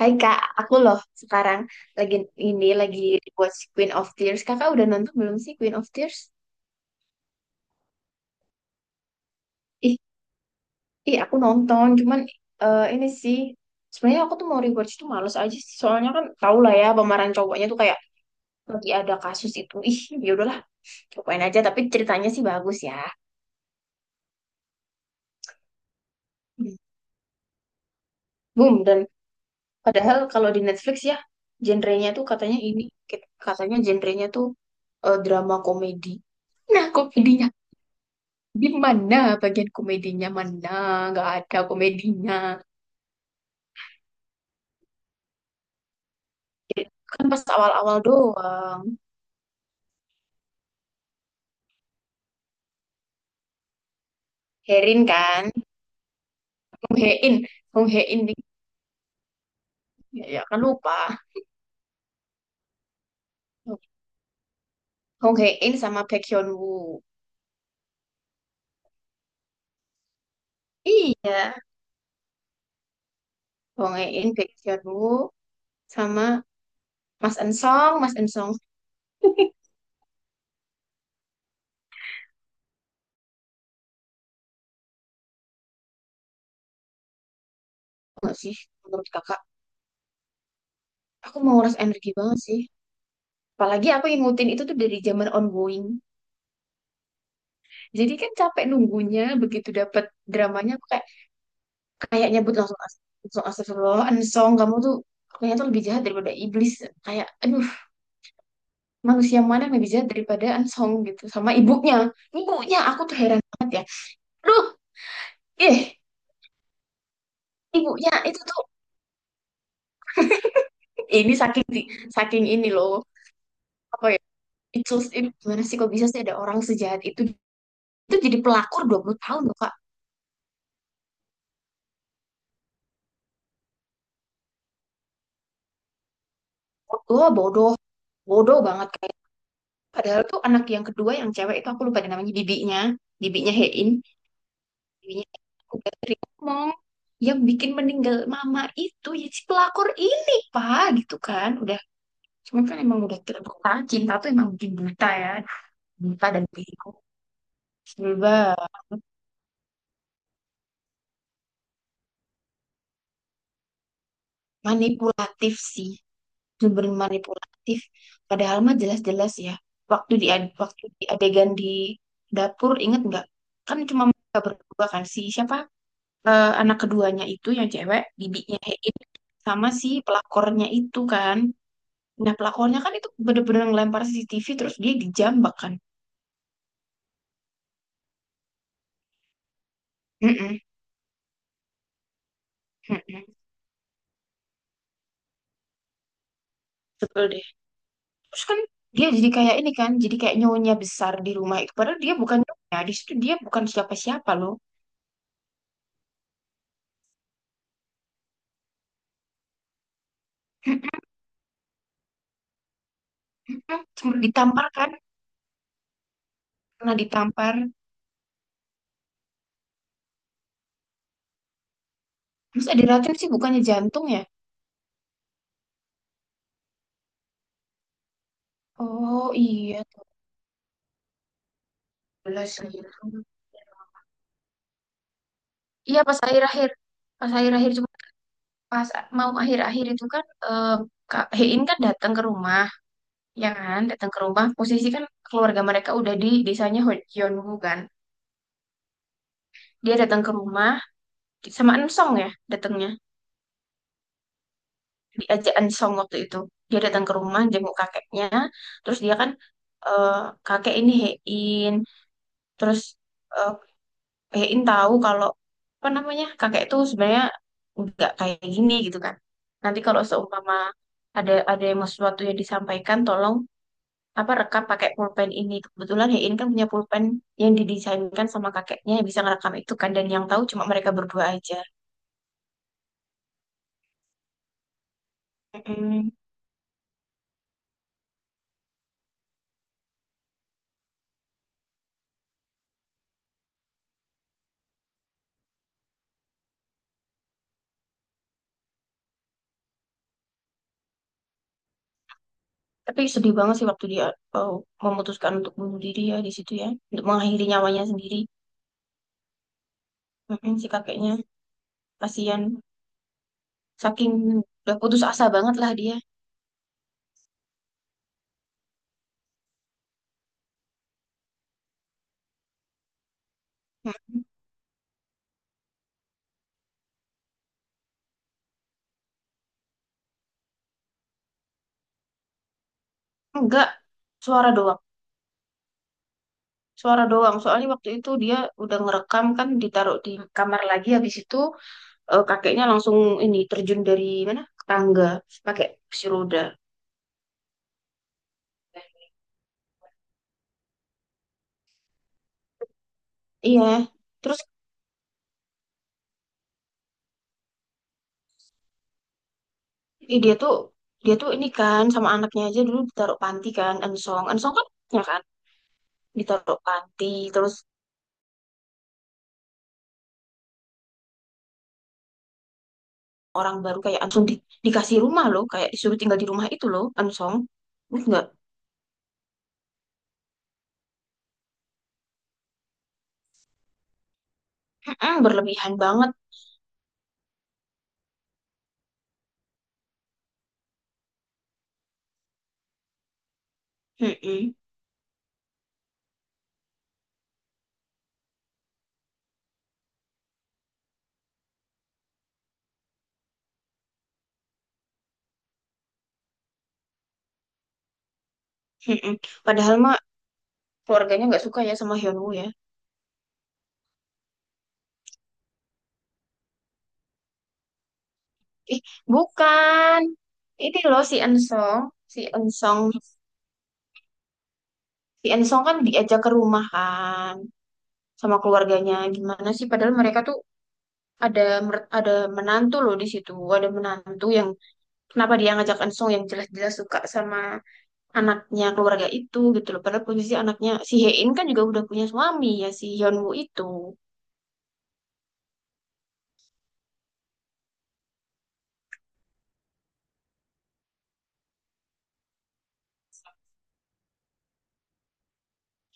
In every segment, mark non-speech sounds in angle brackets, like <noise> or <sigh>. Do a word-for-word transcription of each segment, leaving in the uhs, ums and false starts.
Hai Kak, aku loh sekarang lagi ini lagi watch Queen of Tears. Kakak udah nonton belum sih Queen of Tears? Ih, ih aku nonton, cuman eh, ini sih sebenarnya aku tuh mau rewatch tuh males aja sih. Soalnya kan tau lah ya pemeran cowoknya tuh kayak lagi ada kasus itu. Ih, ya udahlah, cobain aja. Tapi ceritanya sih bagus ya. Hmm. Boom dan padahal kalau di Netflix ya genrenya tuh katanya ini katanya genrenya tuh eh, drama komedi. Nah, komedinya. Gimana bagian komedinya? Mana? Nggak ada komedinya. Kan pas awal-awal doang. Herin kan? Hong Hae In, Hong Hae In nih. Ya, ya, kan lupa. Hong Hae In sama Baekhyun Woo. Iya. Hong Hae In, Baekhyun Woo sama Mas Ensong, Mas Ensong enggak sih menurut kakak. Aku mau nguras energi banget sih. Apalagi aku yang ngikutin itu tuh dari zaman ongoing. Jadi kan capek nunggunya, begitu dapet dramanya aku kayak kayak nyebut langsung as- langsung astagfirullah Ansong kamu tuh kayaknya tuh lebih jahat daripada iblis kayak aduh manusia mana yang lebih jahat daripada Ansong gitu sama ibunya. Ibunya aku tuh heran banget ya aduh eh, ibunya itu tuh. <laughs> Ini saking di- saking ini loh apa ya itu gimana sih kok bisa sih ada orang sejahat itu. Itu jadi pelakor dua puluh tahun loh kak. Bodoh bodoh bodoh banget kayak padahal tuh anak yang kedua yang cewek itu aku lupa namanya bibinya. Bibinya Hein Dewinya. Aku gak tadi ngomong, yang bikin meninggal mama itu ya si pelakor ini pak gitu kan udah. Cuman kan emang udah terbuka, cinta tuh emang bikin buta ya, buta dan bego, sebel banget. Manipulatif sih, sumber manipulatif. Padahal mah jelas-jelas ya waktu di ad- waktu di adegan di dapur inget nggak, kan cuma mereka berdua kan si siapa. Eh, anak keduanya itu yang cewek bibinya Hein sama si pelakornya itu kan. Nah, pelakonnya kan itu bener-bener ngelempar C C T V terus dia dijambak kan. Mm-mm, mm-mm. Sebel deh. Terus kan dia jadi kayak ini kan, jadi kayak nyonya besar di rumah itu. Padahal dia bukan nyonya, di situ dia bukan siapa-siapa loh. Mm-mm, mm-mm. Sempet ditampar kan, pernah ditampar. Terus ada racun sih bukannya jantung ya? Oh iya, dua belas lirung. Iya pas akhir-akhir, pas akhir-akhir cuma pas mau akhir-akhir itu kan eh, Kak Hein kan datang ke rumah. Ya kan datang ke rumah, posisi kan keluarga mereka udah di desanya Gyeonggu kan. Dia datang ke rumah sama Ensong ya datangnya, diajak Ensong waktu itu, dia datang ke rumah jenguk kakeknya. Terus dia kan eh, kakek ini Hein, terus eh, Hein tahu kalau apa namanya kakek itu sebenarnya nggak kayak gini gitu kan. Nanti kalau seumpama ada ada yang mau sesuatu yang disampaikan tolong apa rekam pakai pulpen ini, kebetulan Hein kan punya pulpen yang didesainkan sama kakeknya yang bisa ngerekam itu kan, dan yang tahu cuma mereka berdua aja. Mm-mm. Tapi sedih banget sih waktu dia, oh, memutuskan untuk bunuh diri ya di situ ya, untuk mengakhiri nyawanya sendiri. Mm-mm, si kakeknya kasihan, saking udah putus asa banget lah dia. Mm-mm. Enggak, suara doang, suara doang soalnya waktu itu dia udah ngerekam kan, ditaruh di kamar lagi, habis itu eh, kakeknya langsung ini terjun dari mana, tangga, pakai kursi roda. Iya terus eh, dia tuh dia tuh ini kan sama anaknya aja dulu ditaruh panti kan, Ensong Ensong kan, ya kan, ditaruh panti. Terus orang baru kayak Ansong di- dikasih rumah loh, kayak disuruh tinggal di rumah itu loh Ansong, terus nggak. Mm-mm, berlebihan banget. Mm-mm, mm-mm. Padahal mah keluarganya nggak suka ya sama Hyunwoo ya. Ih bukan, ini loh si Ensong, si Ensong. Si Ensong kan diajak ke rumah kan sama keluarganya. Gimana sih? Padahal mereka tuh ada mer- ada menantu loh di situ. Ada menantu, yang kenapa dia ngajak Ensong yang jelas-jelas suka sama anaknya keluarga itu gitu loh. Padahal posisi anaknya si Hein kan juga udah punya suami ya si Hyunwoo itu.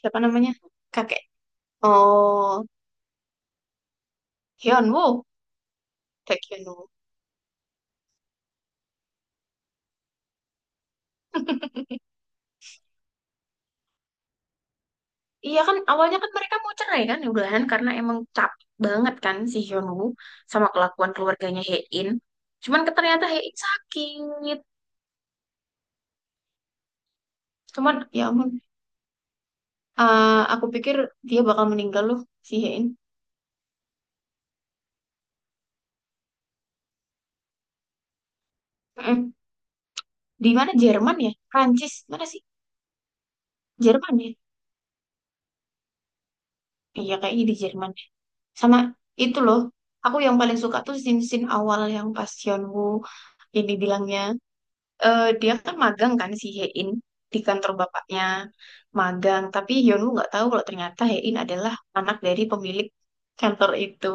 Siapa namanya? Kakek. Oh, Hyunwoo. Baek Hyunwoo. <laughs> Iya kan awalnya kan mereka mau cerai kan ya udahan karena emang capek banget kan si Hyunwoo sama kelakuan keluarganya Hae-in. Cuman ke- ternyata Hae-in sakit. Cuman ya ampun eh, aku pikir dia bakal meninggal loh si Hae-in. Mm-mm. Di mana Jerman ya? Prancis mana sih? Jerman ya? Iya kayaknya di Jerman. Sama itu loh. Aku yang paling suka tuh scene-scene awal yang pas Hyunwoo ini bilangnya eh, dia kan magang kan si Hein di kantor bapaknya, magang tapi Hyunwoo nggak tahu kalau ternyata Hein adalah anak dari pemilik kantor itu.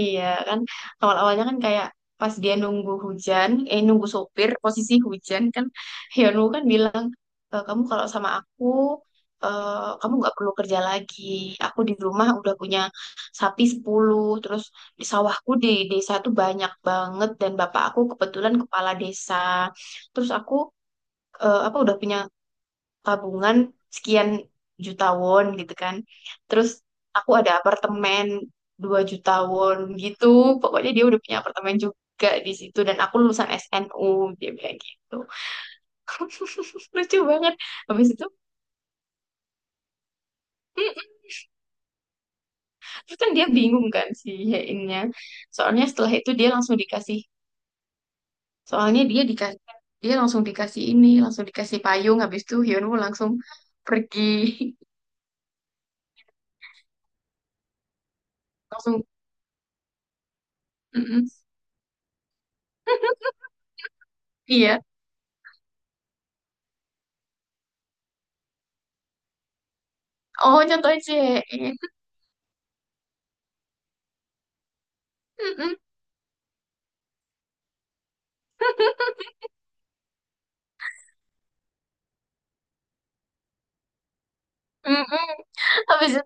Iya kan awal-awalnya kan kayak pas dia nunggu hujan, eh nunggu sopir posisi hujan kan, Hyunwoo kan bilang, "E, kamu kalau sama aku eh, kamu nggak perlu kerja lagi. Aku di rumah udah punya sapi sepuluh, terus di sawahku di desa tuh banyak banget, dan bapak aku kebetulan kepala desa. Terus aku eh, apa udah punya tabungan sekian juta won gitu kan. Terus aku ada apartemen dua juta won gitu. Pokoknya dia udah punya apartemen juga di situ dan aku lulusan S N U," dia bilang gitu. <laughs> Lucu banget. Habis itu mm, terus kan dia bingung kan si Hein-nya. Soalnya setelah itu dia langsung dikasih, soalnya dia dikasih, dia langsung dikasih ini, langsung dikasih payung, habis itu Hyunwoo langsung pergi. <laughs> Langsung mm-mm. <laughs> Iya, oh, contohnya I C E. <laughs> Mm-mm. Habis itu,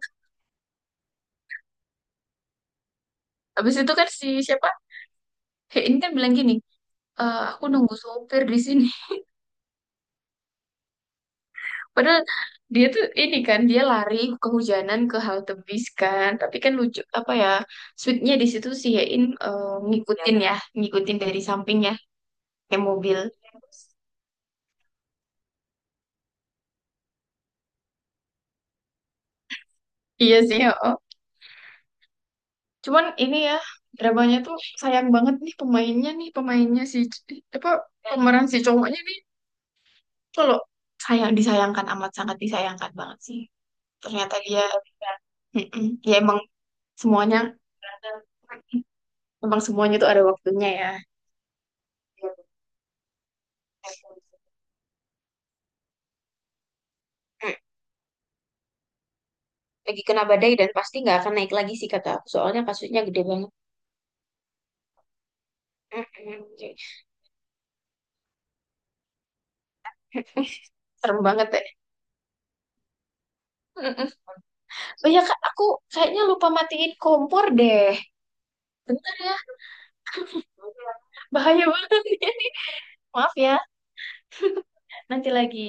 habis itu kan si siapa? He ini kan bilang gini, "Eh, aku nunggu sopir di sini." <laughs> Padahal dia tuh ini kan, dia lari kehujanan ke halte bis kan. Tapi kan lucu apa ya? Sweetnya di situ, si Hein eh, ngikutin ya, ngikutin dari sampingnya kayak mobil. Iya sih, oh. Cuman ini ya dramanya tuh sayang banget nih pemainnya, nih pemainnya si apa, pemeran si cowoknya nih itu loh, sayang, disayangkan, amat sangat disayangkan banget sih ternyata dia. Mm-mm. Ya emang semuanya, emang semuanya tuh ada waktunya ya. Mm, lagi kena badai dan pasti nggak akan naik lagi sih kata aku. Soalnya kasusnya gede banget. Mm, mm, mm. Serem banget ya. Mm, mm. Oh iya kak, aku kayaknya lupa matiin kompor deh. Bentar ya. Bahaya banget. <laughs> Ini maaf ya, nanti lagi